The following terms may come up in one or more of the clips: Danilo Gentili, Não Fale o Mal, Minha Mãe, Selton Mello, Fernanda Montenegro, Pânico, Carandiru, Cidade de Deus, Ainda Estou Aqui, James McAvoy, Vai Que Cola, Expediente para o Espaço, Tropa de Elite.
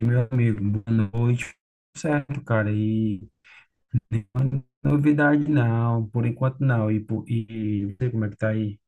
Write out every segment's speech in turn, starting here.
Meu amigo, boa noite. Certo, cara. E nenhuma novidade não, por enquanto não. E não sei como é que tá aí.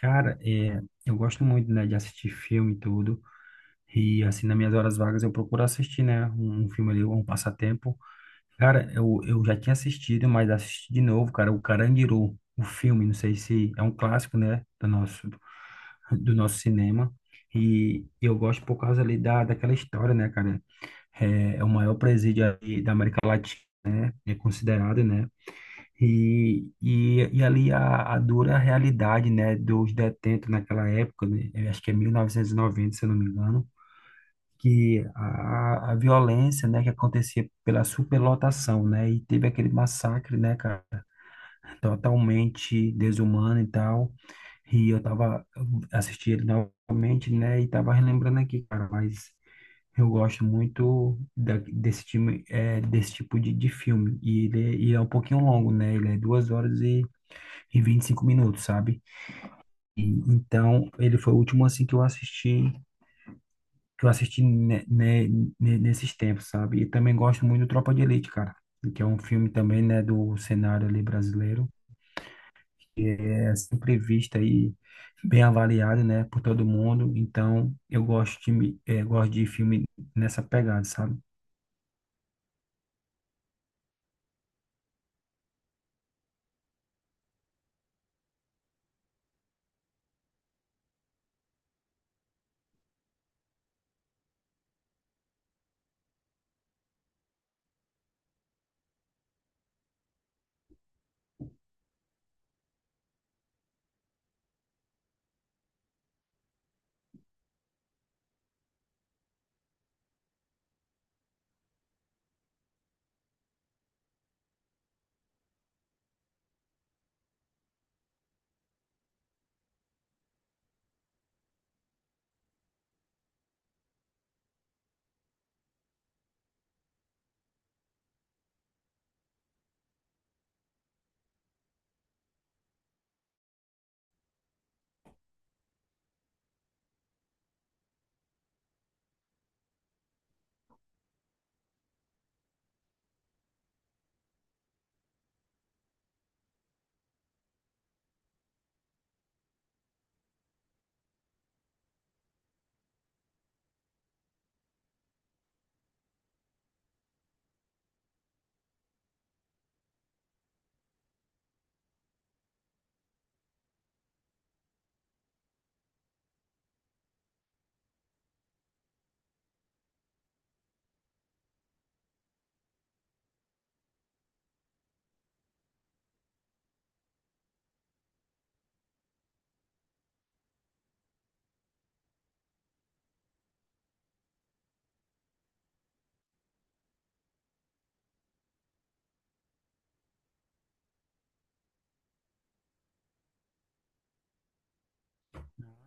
Cara, eu gosto muito, né, de assistir filme e tudo. E assim, nas minhas horas vagas eu procuro assistir, né, um filme ali, um passatempo. Cara, eu já tinha assistido, mas assisti de novo, cara, o Carandiru, o filme, não sei se é um clássico, né, do nosso cinema. E eu gosto por causa ali daquela história, né, cara? É, é o maior presídio ali da América Latina, né? É considerado, né? E ali a dura realidade, né, dos detentos naquela época, né? Eu acho que é 1990, se eu não me engano, que a violência, né, que acontecia pela superlotação, né? E teve aquele massacre, né, cara, totalmente desumano e tal. E eu tava assistindo ele novamente, né, e tava relembrando aqui, cara, mas eu gosto muito desse time, é, desse tipo de filme. E ele, é um pouquinho longo, né? Ele é duas horas e 25 minutos, sabe? E então, ele foi o último, assim, que eu assisti, que eu assisti ne- ne- nesses tempos, sabe? E também gosto muito do Tropa de Elite, cara. Que é um filme também, né, do cenário ali brasileiro, que é sempre visto aí bem avaliado, né, por todo mundo. Então, eu gosto de gosto de filme nessa pegada, sabe?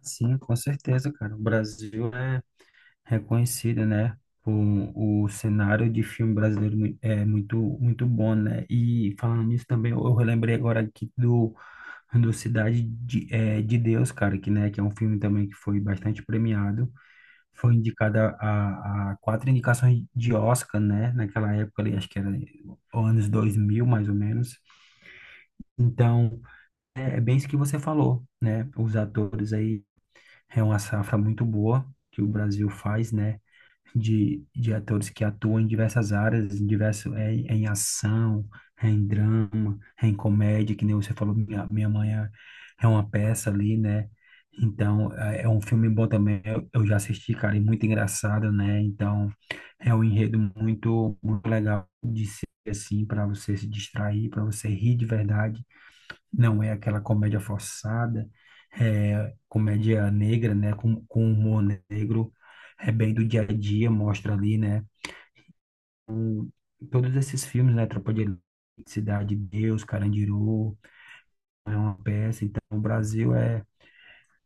Sim, com certeza, cara. O Brasil é reconhecido, né? O cenário de filme brasileiro é muito bom, né? E falando nisso também, eu relembrei agora aqui do Cidade de Deus, cara, que, né, que é um filme também que foi bastante premiado. Foi indicado a 4 indicações de Oscar, né? Naquela época ali, acho que era anos 2000 mais ou menos. Então, é bem isso que você falou, né? Os atores aí é uma safra muito boa que o Brasil faz, né? De atores que atuam em diversas áreas, é em ação, é em drama, é em comédia, que nem você falou, Minha Mãe é uma peça ali, né? Então, é um filme bom também, eu já assisti, cara, e muito engraçado, né? Então, é um enredo muito, muito legal de ser assim, para você se distrair, para você rir de verdade. Não é aquela comédia forçada, é comédia negra, né? Com humor negro, é bem do dia a dia, mostra ali, né? Todos esses filmes, né? Tropa de Elite, Cidade de Deus, Carandiru, é Uma Peça. Então, o Brasil é,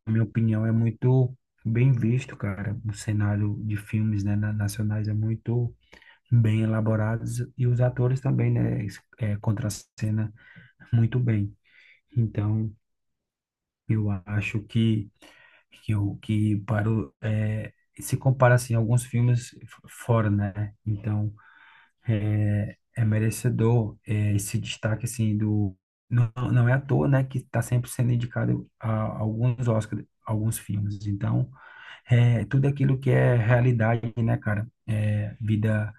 na minha opinião, é muito bem visto, cara. O cenário de filmes, né, nacionais é muito bem elaborados e os atores também, né? É, contracena muito bem. Então, eu acho que o que para o, é, se compara assim a alguns filmes fora, né? Então é, é merecedor é, esse destaque assim do não, não é à toa, né? Que está sempre sendo indicado a alguns Oscars, alguns filmes. Então é tudo aquilo que é realidade, né, cara? É,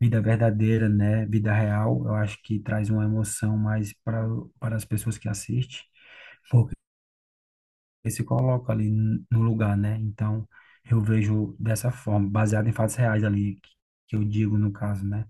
vida verdadeira, né? Vida real. Eu acho que traz uma emoção mais para as pessoas que assistem, eles se colocam ali no lugar, né? Então, eu vejo dessa forma, baseado em fatos reais ali, que eu digo no caso, né?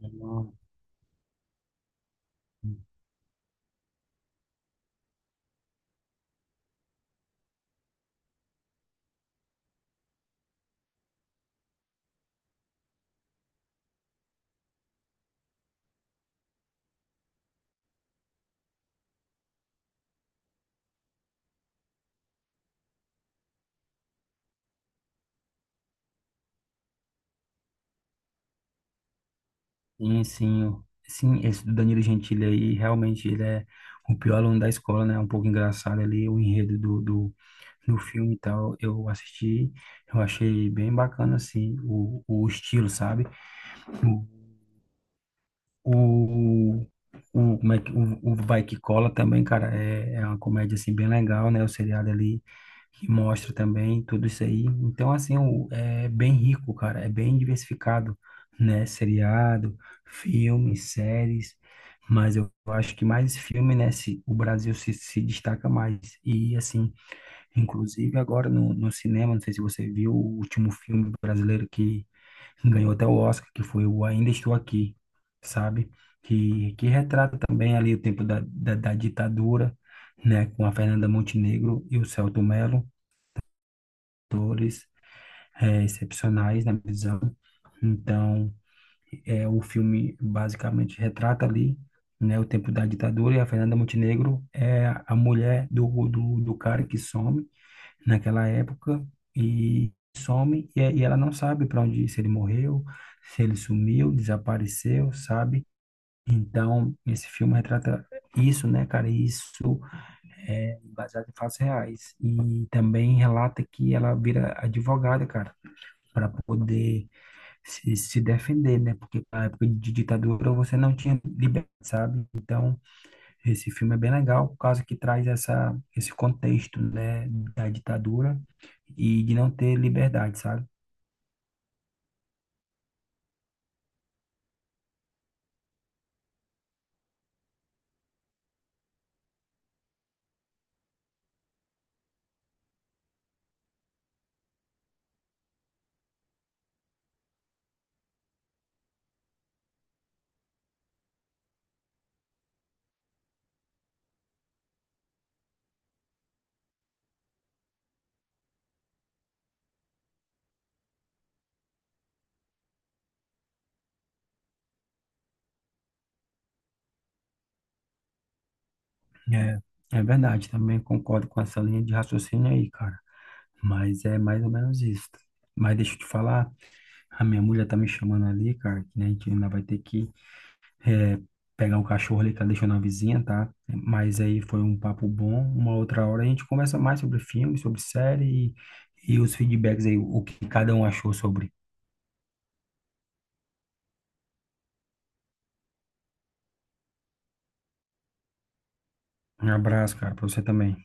Não. Sim, sim, esse do Danilo Gentili aí, realmente ele é o pior aluno da escola, né? Um pouco engraçado ali, o enredo do filme e tal. Eu assisti, eu achei bem bacana, assim, o estilo, sabe? O, o, como é que, o Vai Que Cola também, cara, é uma comédia, assim, bem legal, né? O seriado ali que mostra também tudo isso aí. Então, assim, é bem rico, cara, é bem diversificado, né? Seriado, filmes, séries, mas eu acho que mais filme, né? Se, O Brasil se destaca mais. E, assim, inclusive agora no cinema, não sei se você viu o último filme brasileiro que ganhou até o Oscar, que foi o Ainda Estou Aqui, sabe? Que retrata também ali o tempo da ditadura, né? Com a Fernanda Montenegro e o Selton Mello, atores excepcionais, na minha visão. Então, é, o filme basicamente retrata ali, né? O tempo da ditadura e a Fernanda Montenegro é a mulher do cara que some, naquela época, e some e ela não sabe para onde ir, se ele morreu, se ele sumiu, desapareceu, sabe? Então, esse filme retrata isso, né, cara? E isso é baseado em fatos reais. E também relata que ela vira advogada, cara, para poder se defender, né? Porque na época de ditadura você não tinha liberdade, sabe? Então, esse filme é bem legal, por causa que traz essa, esse contexto, né, da ditadura e de não ter liberdade, sabe? É, é verdade, também concordo com essa linha de raciocínio aí, cara. Mas é mais ou menos isso. Mas deixa eu te falar, a minha mulher tá me chamando ali, cara, que né, a gente ainda vai ter que eh, pegar o cachorro ali que ela deixou na vizinha, tá? Mas aí foi um papo bom. Uma outra hora a gente conversa mais sobre filme, sobre série e os feedbacks aí, o que cada um achou sobre. Um abraço, cara, pra você também.